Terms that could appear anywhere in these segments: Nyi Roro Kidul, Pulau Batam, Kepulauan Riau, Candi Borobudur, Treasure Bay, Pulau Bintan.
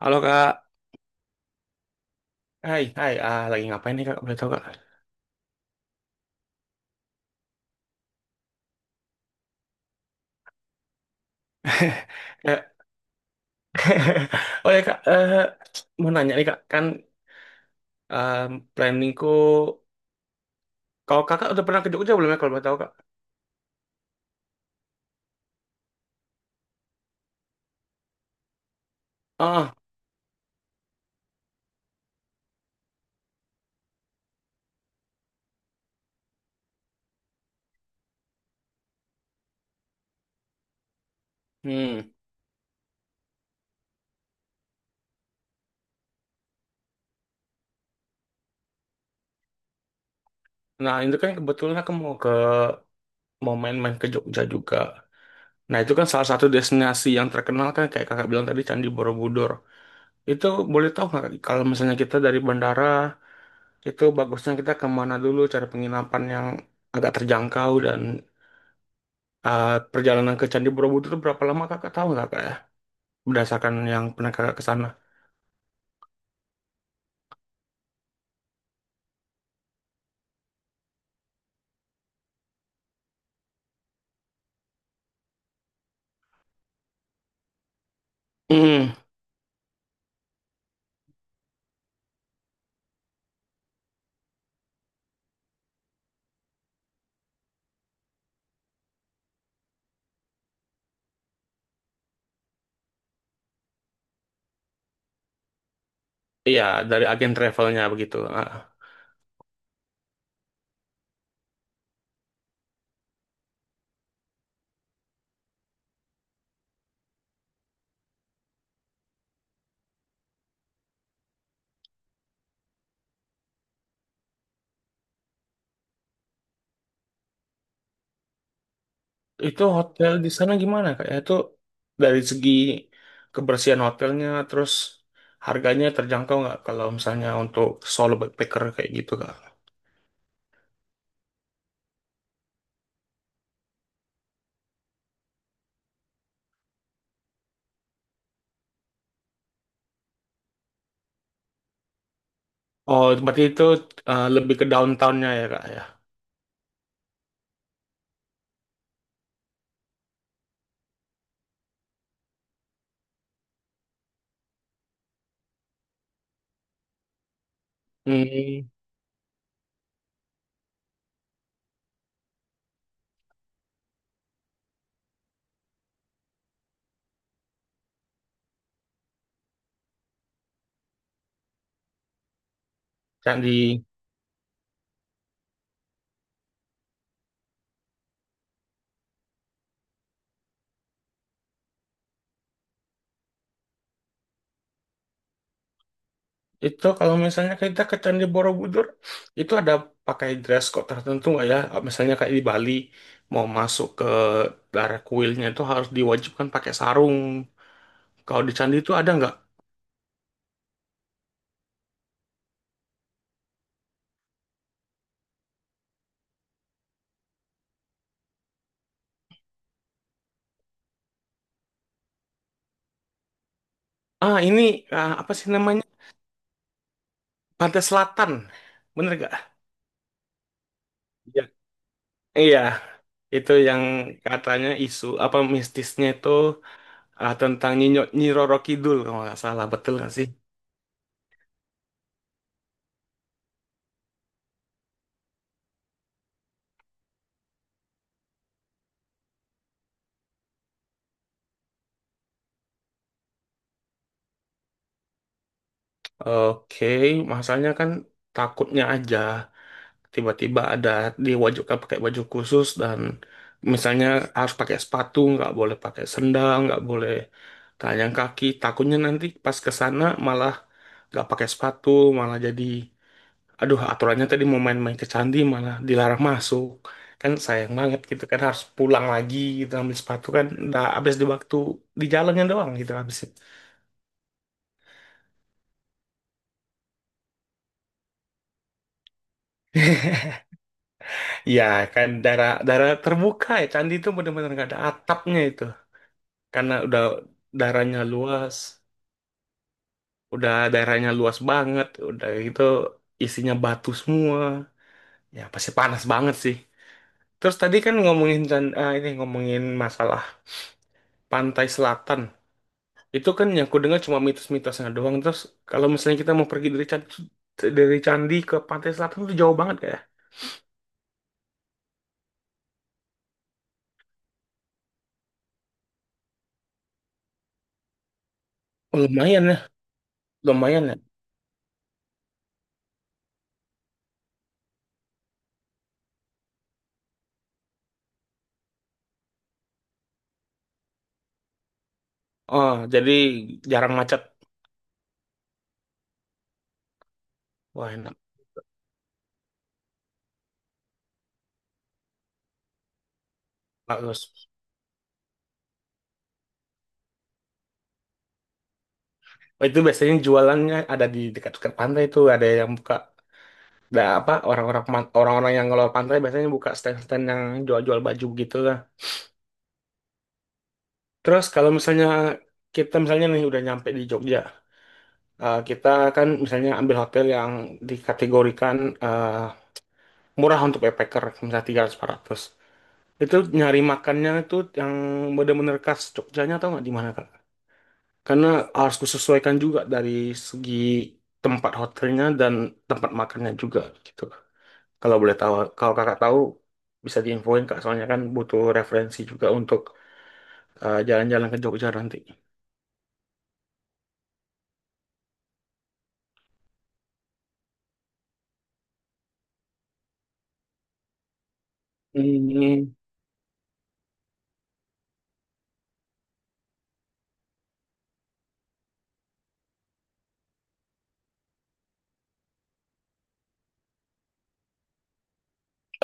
Halo Kak, hai, hai, lagi ngapain nih Kak? Boleh tahu Kak? Eh, oh ya Kak, mau nanya nih Kak, kan em, planningku, kalau kakak udah pernah ke Jogja belum ya kalau boleh tahu Kak? Ah, hmm. Nah itu kan kebetulan aku mau main-main ke Jogja juga. Nah itu kan salah satu destinasi yang terkenal kan kayak kakak bilang tadi Candi Borobudur. Itu boleh tahu nggak Kak, kalau misalnya kita dari bandara itu bagusnya kita kemana dulu cari penginapan yang agak terjangkau dan perjalanan ke Candi Borobudur itu berapa lama kakak tahu nggak Kak ya? Berdasarkan yang pernah kakak ke sana. Hmm, iya, dari agen travelnya begitu. Itu hotel di sana gimana Kak ya? Itu dari segi kebersihan hotelnya, terus harganya terjangkau nggak kalau misalnya untuk solo backpacker kayak gitu Kak? Oh, berarti itu lebih ke downtownnya ya Kak ya? Hmm. Candi. Itu kalau misalnya kita ke Candi Borobudur, itu ada pakai dress code tertentu nggak ya? Misalnya kayak di Bali, mau masuk ke daerah kuilnya itu harus diwajibkan pakai sarung. Kalau di Candi itu ada nggak? Ah, ini apa sih namanya? Pantai Selatan. Bener nggak? Iya. Iya, itu yang katanya isu apa mistisnya itu tentang Nyinyo, Nyi Roro Kidul kalau nggak salah. Betul nggak sih? Oke, masalahnya kan takutnya aja. Tiba-tiba ada diwajibkan pakai baju khusus dan misalnya harus pakai sepatu, nggak boleh pakai sendal, nggak boleh telanjang kaki. Takutnya nanti pas ke sana malah nggak pakai sepatu, malah jadi aduh aturannya tadi mau main-main ke candi malah dilarang masuk. Kan sayang banget gitu kan harus pulang lagi gitu ambil sepatu kan udah habis di waktu di jalannya doang gitu habisnya. Ya kan daerah daerah terbuka ya candi itu benar-benar nggak ada atapnya itu. Karena daerahnya luas, udah daerahnya luas banget, udah gitu isinya batu semua, ya pasti panas banget sih. Terus tadi kan ini ngomongin masalah pantai selatan. Itu kan yang aku dengar cuma mitos-mitosnya doang. Terus kalau misalnya kita mau pergi dari candi ke pantai selatan itu jauh banget kayak. Oh, lumayan ya, lumayan ya. Oh, jadi jarang macet. Wah, enak. Bagus. Oh, itu biasanya jualannya ada di dekat-dekat pantai itu, ada yang buka. Nah, apa orang-orang yang ngelola pantai biasanya buka stand-stand yang jual-jual baju gitu lah. Terus kalau misalnya kita misalnya nih udah nyampe di Jogja, eh, kita kan misalnya ambil hotel yang dikategorikan eh, murah untuk backpacker, misalnya 300 400. Itu nyari makannya itu yang bener-bener khas Jogjanya atau nggak di mana, Kak? Karena harus kusesuaikan juga dari segi tempat hotelnya dan tempat makannya juga gitu. Kalau boleh tahu, kalau kakak tahu bisa diinfoin Kak, soalnya kan butuh referensi juga untuk jalan-jalan ke Jogja nanti. Hmm.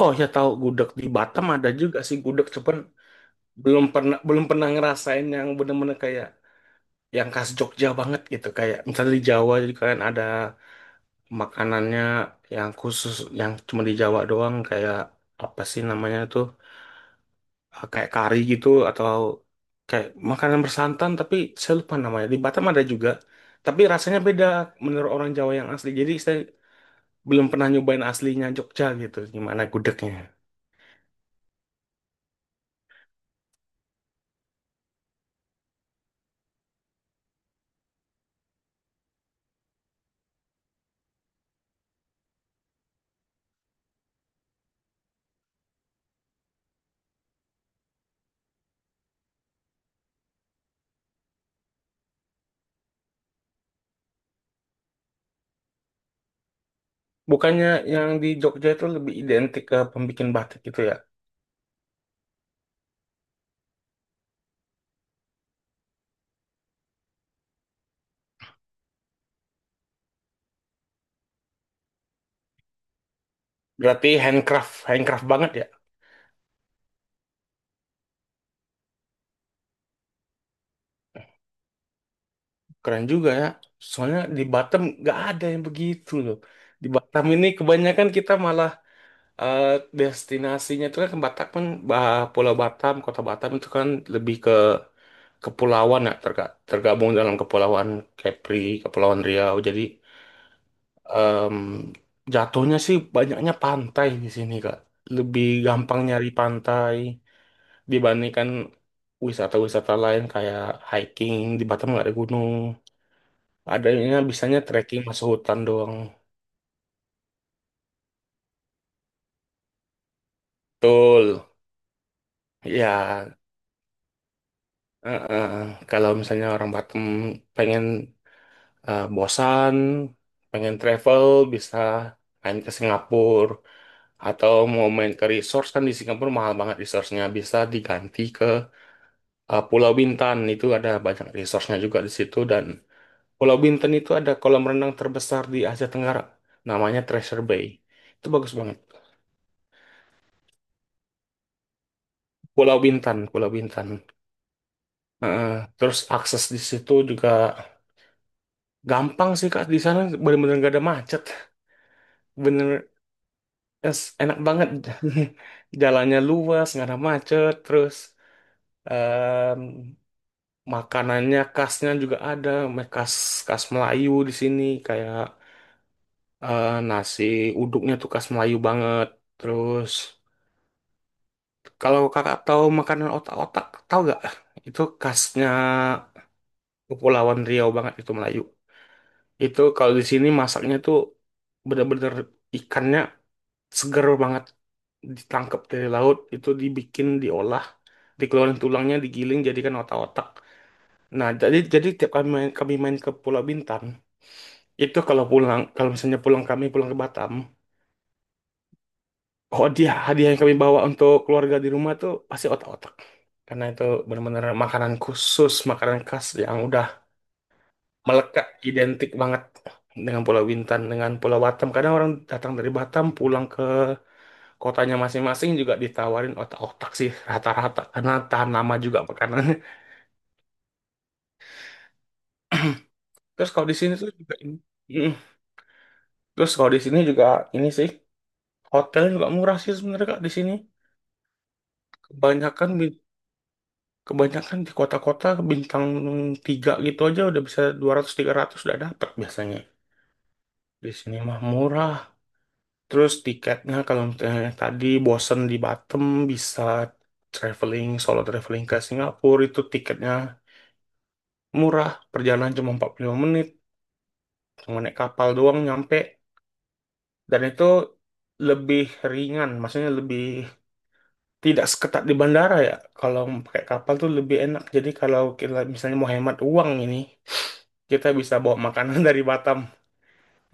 Oh ya tahu, gudeg di Batam ada juga sih gudeg, cuman belum pernah ngerasain yang bener-bener kayak yang khas Jogja banget gitu. Kayak misalnya di Jawa juga kan ada makanannya yang khusus yang cuma di Jawa doang kayak apa sih namanya tuh? Kayak kari gitu atau kayak makanan bersantan tapi saya lupa namanya. Di Batam ada juga, tapi rasanya beda menurut orang Jawa yang asli. Jadi saya belum pernah nyobain aslinya Jogja gitu, gimana gudegnya. Bukannya yang di Jogja itu lebih identik ke pembikin batik gitu ya? Berarti handcraft, handcraft banget ya? Keren juga ya. Soalnya di Batam nggak ada yang begitu loh. Di Batam ini kebanyakan kita malah eh, destinasinya itu kan ke Batam kan, Pulau Batam, Kota Batam itu kan lebih kepulauan ya tergabung dalam kepulauan Kepri, Kepulauan Riau. Jadi em, jatuhnya sih banyaknya pantai di sini Kak. Lebih gampang nyari pantai dibandingkan wisata-wisata lain kayak hiking di Batam nggak ada gunung. Adanya bisanya trekking masuk hutan doang. Betul. Ya, eh, eh, kalau misalnya orang Batam pengen eh, bosan, pengen travel bisa main ke Singapura. Atau mau main ke resource kan di Singapura mahal banget resource-nya. Bisa diganti ke Pulau Bintan. Itu ada banyak resource-nya juga di situ. Dan Pulau Bintan itu ada kolam renang terbesar di Asia Tenggara. Namanya Treasure Bay. Itu bagus banget. Pulau Bintan, Pulau Bintan. Heeh. Terus akses di situ juga gampang sih Kak. Di sana bener-bener gak ada macet. Bener es, enak banget. Jalannya luas, nggak ada macet. Terus mmm, makanannya khasnya juga ada khas khas Melayu di sini kayak nasi uduknya tuh khas Melayu banget. Terus kalau kakak tahu makanan otak-otak tahu gak, itu khasnya Kepulauan Riau banget itu Melayu. Itu kalau di sini masaknya tuh bener-bener ikannya seger banget ditangkap dari laut itu dibikin diolah dikeluarin tulangnya digiling jadikan otak-otak. Nah jadi tiap kami main ke Pulau Bintan. Itu kalau pulang, kalau misalnya pulang kami pulang ke Batam, oh dia hadiah yang kami bawa untuk keluarga di rumah tuh pasti otak-otak. Karena itu benar-benar makanan khusus, makanan khas yang udah melekat identik banget dengan Pulau Bintan, dengan Pulau Batam. Kadang orang datang dari Batam pulang ke kotanya masing-masing juga ditawarin otak-otak sih rata-rata karena tahan lama juga makanannya. Terus kalau di sini tuh juga ini. Mm. Terus kalau di sini juga ini sih hotel juga murah sih sebenarnya Kak di sini. Kebanyakan Kebanyakan di kota-kota bintang 3 gitu aja udah bisa 200 300 udah dapet biasanya. Di sini mah murah. Terus tiketnya kalau misalnya tadi bosen di Batam bisa traveling, solo traveling ke Singapura itu tiketnya murah. Perjalanan cuma 45 menit, cuma naik kapal doang nyampe. Dan itu lebih ringan, maksudnya lebih tidak seketat di bandara ya. Kalau pakai kapal tuh lebih enak. Jadi kalau kita misalnya mau hemat uang ini, kita bisa bawa makanan dari Batam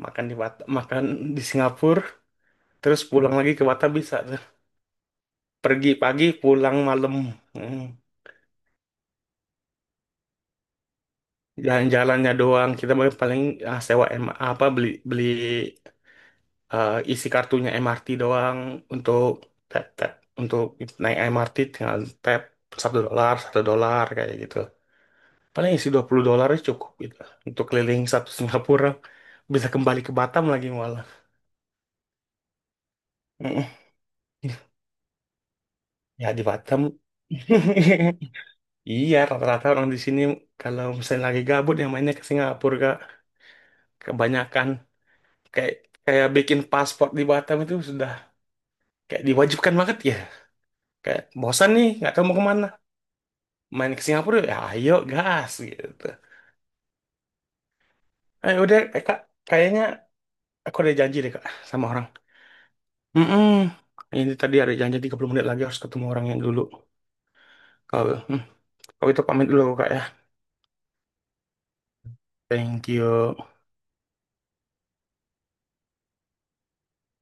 makan di Batam makan di Singapura terus pulang lagi ke Batam bisa tuh. Pergi pagi pulang malam. Hmm. Jalan-jalannya doang kita paling paling, ah, sewa M- apa beli beli eh, isi kartunya MRT doang untuk tap tap untuk naik MRT tinggal tap, 1 dolar 1 dolar kayak gitu, paling isi 20 dolar cukup gitu untuk keliling satu Singapura bisa kembali ke Batam lagi malah. Mm-mm. Ya di Batam. Iya, rata-rata orang di sini kalau misalnya lagi gabut yang mainnya ke Singapura, Kak. Kebanyakan kayak kayak bikin paspor di Batam itu sudah kayak diwajibkan banget ya. Kayak bosan nih, nggak tahu mau kemana. Main ke Singapura, ya ayo gas gitu. Eh udah, Kak, kayaknya aku ada janji deh Kak sama orang. Mm-mm. Ini tadi ada janji 30 menit lagi harus ketemu orang yang dulu. Kalau hmm, kalau itu pamit dulu Kak ya. Thank you.